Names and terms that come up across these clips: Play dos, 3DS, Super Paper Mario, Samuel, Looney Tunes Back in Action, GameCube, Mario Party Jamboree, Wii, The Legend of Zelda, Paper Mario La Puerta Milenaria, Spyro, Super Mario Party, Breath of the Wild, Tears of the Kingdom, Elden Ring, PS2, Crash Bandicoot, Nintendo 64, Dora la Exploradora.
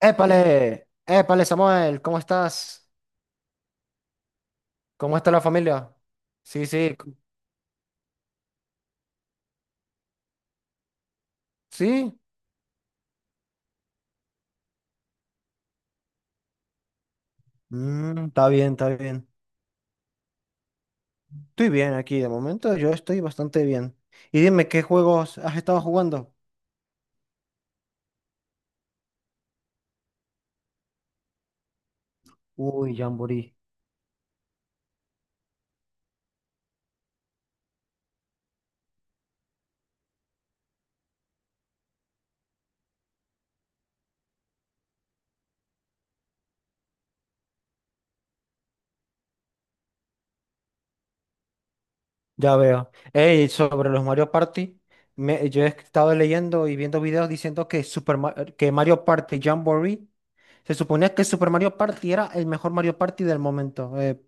Épale, épale, Samuel, ¿cómo estás? ¿Cómo está la familia? Sí, sí, sí. Está bien, está bien. Estoy bien aquí, de momento yo estoy bastante bien. Y dime, ¿qué juegos has estado jugando? Uy, Jamboree, ya veo. Ey, sobre los Mario Party, yo he estado leyendo y viendo videos diciendo que Mario Party Jamboree, se suponía que Super Mario Party era el mejor Mario Party del momento,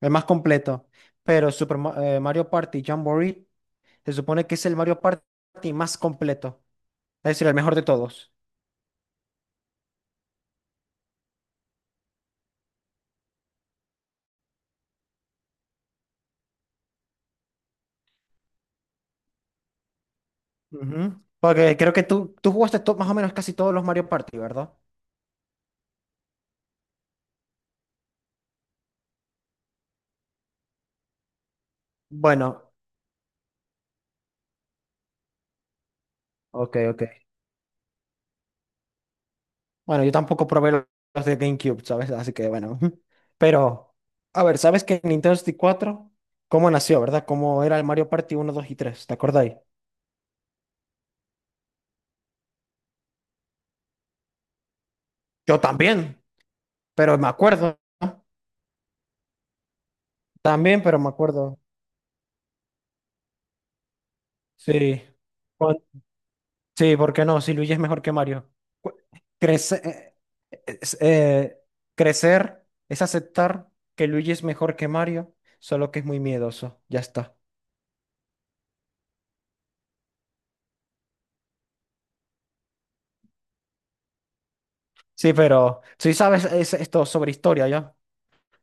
el más completo. Pero Mario Party Jamboree se supone que es el Mario Party más completo, es decir, el mejor de todos. Ujú. Porque creo que tú jugaste más o menos casi todos los Mario Party, ¿verdad? Bueno, ok, ok. Bueno, yo tampoco probé los de GameCube, ¿sabes? Así que bueno. Pero, a ver, ¿sabes que Nintendo 64, cómo nació, verdad? ¿Cómo era el Mario Party 1, 2 y 3? ¿Te acordáis? Yo también, pero me acuerdo, ¿no? También, pero me acuerdo. Sí. Cuan- Sí, ¿por qué no? Si Luigi es mejor que Mario. Cu- Crece. Es, eh, Crecer es aceptar que Luigi es mejor que Mario, solo que es muy miedoso. Ya está. Sí, pero si sabes esto sobre historia, ¿ya?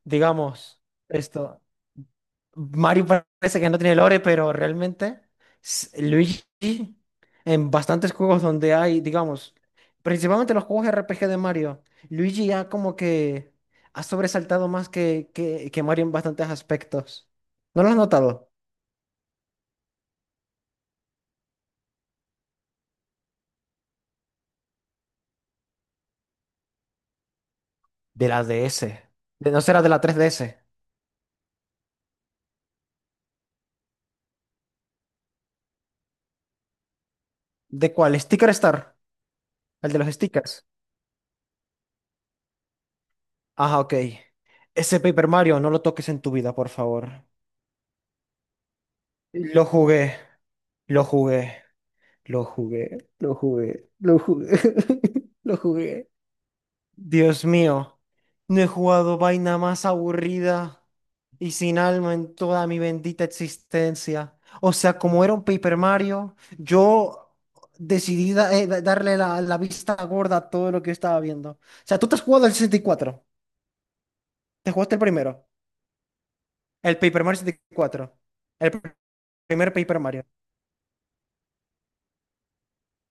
Digamos, esto. Mario parece que no tiene lore, pero realmente Luigi, en bastantes juegos donde hay, digamos, principalmente los juegos RPG de Mario, Luigi ya como que ha sobresaltado más que Mario en bastantes aspectos. ¿No lo has notado? De la DS. No, será de la 3DS. ¿De cuál? ¿Sticker Star? ¿El de los stickers? Ajá, ok. Ese Paper Mario, no lo toques en tu vida, por favor. Lo jugué, lo jugué, lo jugué, lo jugué, lo jugué, lo jugué. Dios mío, no he jugado vaina más aburrida y sin alma en toda mi bendita existencia. O sea, como era un Paper Mario, yo decidí darle la vista gorda a todo lo que yo estaba viendo. O sea, ¿tú te has jugado el 64? Te jugaste el primero, el Paper Mario 64, el primer Paper Mario.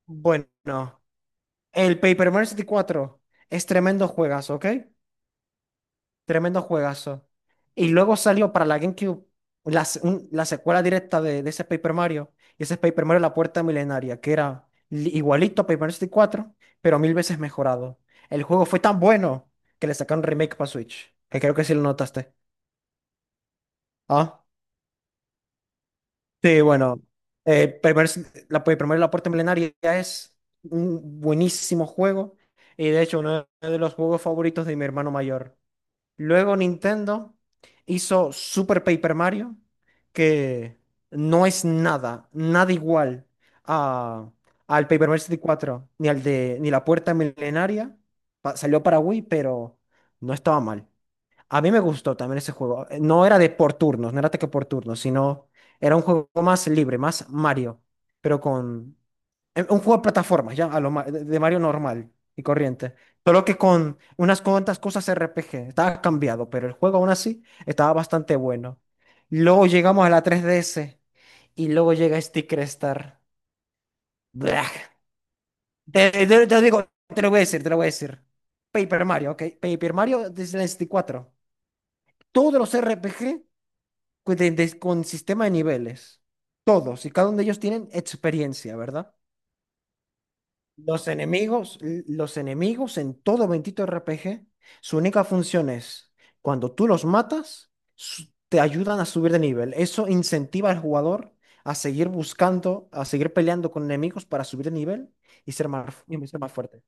Bueno, el Paper Mario 64 es tremendo juegas, ¿ok? Tremendo juegazo. Y luego salió para la GameCube la secuela directa de ese Paper Mario. Y ese es Paper Mario La Puerta Milenaria, que era igualito a Paper Mario 64, pero mil veces mejorado. El juego fue tan bueno que le sacaron remake para Switch. Que creo que sí lo notaste. Ah, sí, bueno. Paper Mario La Puerta Milenaria es un buenísimo juego. Y de hecho, uno de los juegos favoritos de mi hermano mayor. Luego Nintendo hizo Super Paper Mario, que no es nada, nada igual a, al Paper Mario 64, ni al de, ni la Puerta Milenaria. Salió para Wii, pero no estaba mal. A mí me gustó también ese juego. No era de por turnos, no era ataque por turnos, sino era un juego más libre, más Mario, pero con un juego de plataformas, ya de Mario normal y corriente. Solo que con unas cuantas cosas RPG. Estaba cambiado, pero el juego aún así estaba bastante bueno. Luego llegamos a la 3DS y luego llega Sticker Star. Blah. Te digo, te lo voy a decir, te lo voy a decir. Paper Mario, ok. Paper Mario desde el 64. Todos los RPG, con sistema de niveles. Todos y cada uno de ellos tienen experiencia, ¿verdad? Los enemigos, los enemigos en todo bendito RPG, su única función es, cuando tú los matas, te ayudan a subir de nivel. Eso incentiva al jugador a seguir buscando, a seguir peleando con enemigos para subir de nivel y ser más fuerte.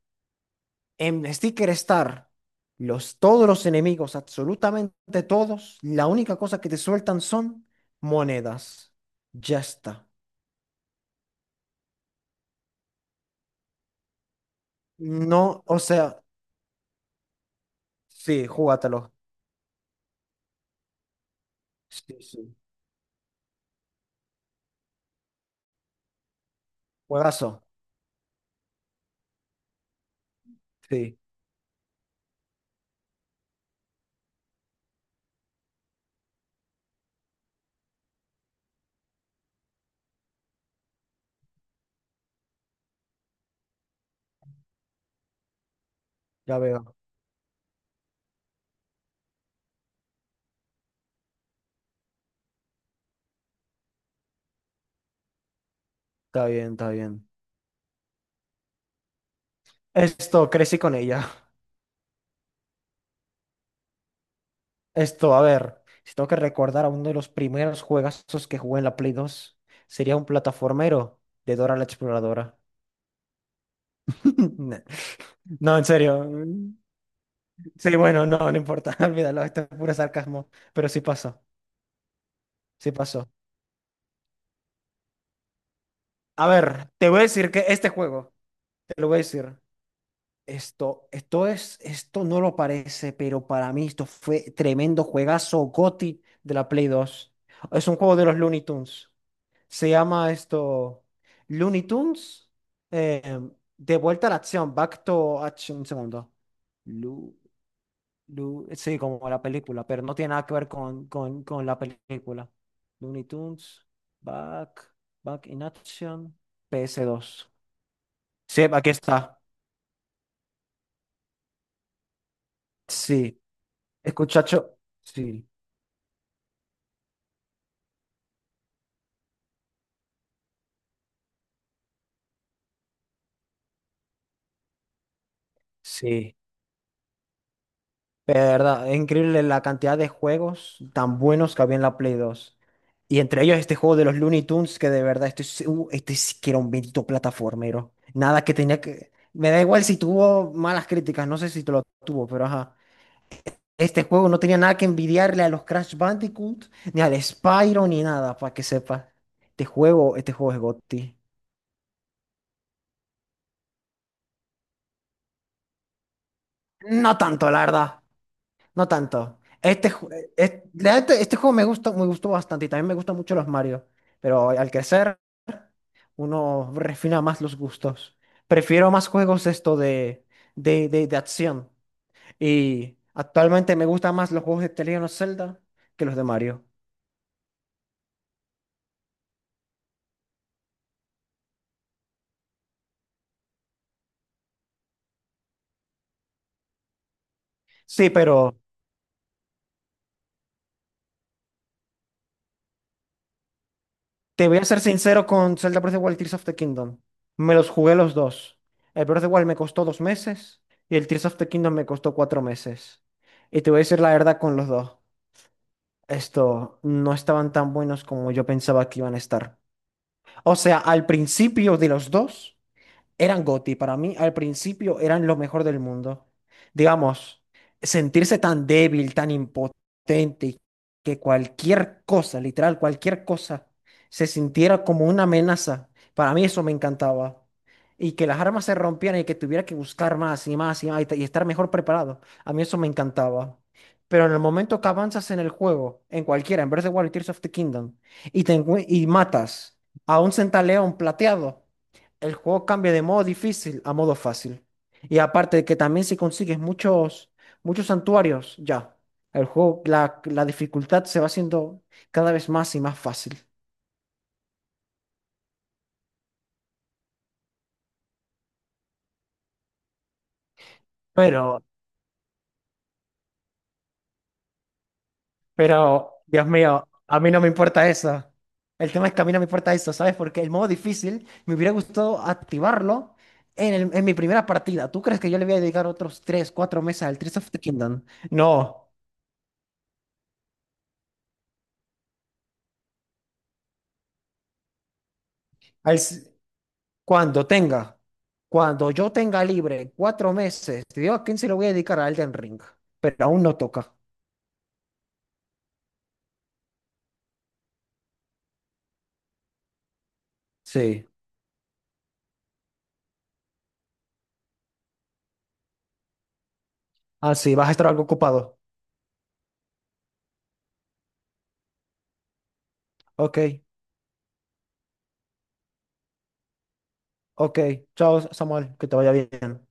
En Sticker Star, todos los enemigos, absolutamente todos, la única cosa que te sueltan son monedas. Ya está. No, o sea, sí, júgatelo. Sí, sí. Juegazo. Sí, ya veo. Está bien, está bien. Esto, crecí con ella. Esto, a ver, si tengo que recordar a uno de los primeros juegazos que jugué en la Play 2, sería un plataformero de Dora la Exploradora. No, en serio. Sí, bueno, no, no importa, olvídalo, esto es puro sarcasmo, pero sí pasó, sí pasó. A ver, te voy a decir que este juego, te lo voy a decir, esto no lo parece, pero para mí esto fue tremendo juegazo GOTY de la Play 2. Es un juego de los Looney Tunes. Se llama esto Looney Tunes, eh, de vuelta a la acción, back to action, un segundo. Sí, como la película, pero no tiene nada que ver con la película. Looney Tunes, Back, Back in Action, PS2. Sí, aquí está. Sí, escuchacho. Sí, sí. Pero de verdad, es increíble la cantidad de juegos tan buenos que había en la Play 2. Y entre ellos este juego de los Looney Tunes, que de verdad, este, este sí que era un bendito plataformero. Nada que tenía que. Me da igual si tuvo malas críticas, no sé si te lo tuvo, pero ajá. Este juego no tenía nada que envidiarle a los Crash Bandicoot, ni al Spyro, ni nada, para que sepa. Este juego es GOTY. No tanto, la verdad. No tanto. Este, la neta, este, juego me gustó bastante y también me gustan mucho los Mario. Pero al crecer, uno refina más los gustos. Prefiero más juegos de esto de, acción. Y actualmente me gustan más los juegos de The Legend of Zelda que los de Mario. Sí, pero te voy a ser sincero con Zelda Breath of the Wild y Tears of the Kingdom. Me los jugué los dos. El Breath of the Wild me costó 2 meses y el Tears of the Kingdom me costó 4 meses. Y te voy a decir la verdad con los dos. Esto no estaban tan buenos como yo pensaba que iban a estar. O sea, al principio de los dos eran GOTY. Para mí, al principio, eran lo mejor del mundo. Digamos, sentirse tan débil, tan impotente, y que cualquier cosa, literal, cualquier cosa, se sintiera como una amenaza. Para mí eso me encantaba. Y que las armas se rompieran y que tuviera que buscar más y más y más y estar mejor preparado. A mí eso me encantaba. Pero en el momento que avanzas en el juego, en cualquiera, en Breath of the Wild y Tears of the Kingdom, y matas a un centaleón plateado, el juego cambia de modo difícil a modo fácil. Y aparte de que también si consigues muchos, muchos santuarios, ya. La dificultad se va haciendo cada vez más y más fácil. Pero, pero, Dios mío, a mí no me importa eso. El tema es que a mí no me importa eso, ¿sabes? Porque el modo difícil me hubiera gustado activarlo en mi primera partida. ¿Tú crees que yo le voy a dedicar otros 3 4 meses al Tears of the Kingdom? No. Al, Cuando tenga, cuando yo tenga libre 4 meses, te digo a quién se lo voy a dedicar, a Elden Ring, pero aún no toca. Sí, así vas a estar algo ocupado. Ok, ok, chao, Samuel, que te vaya bien.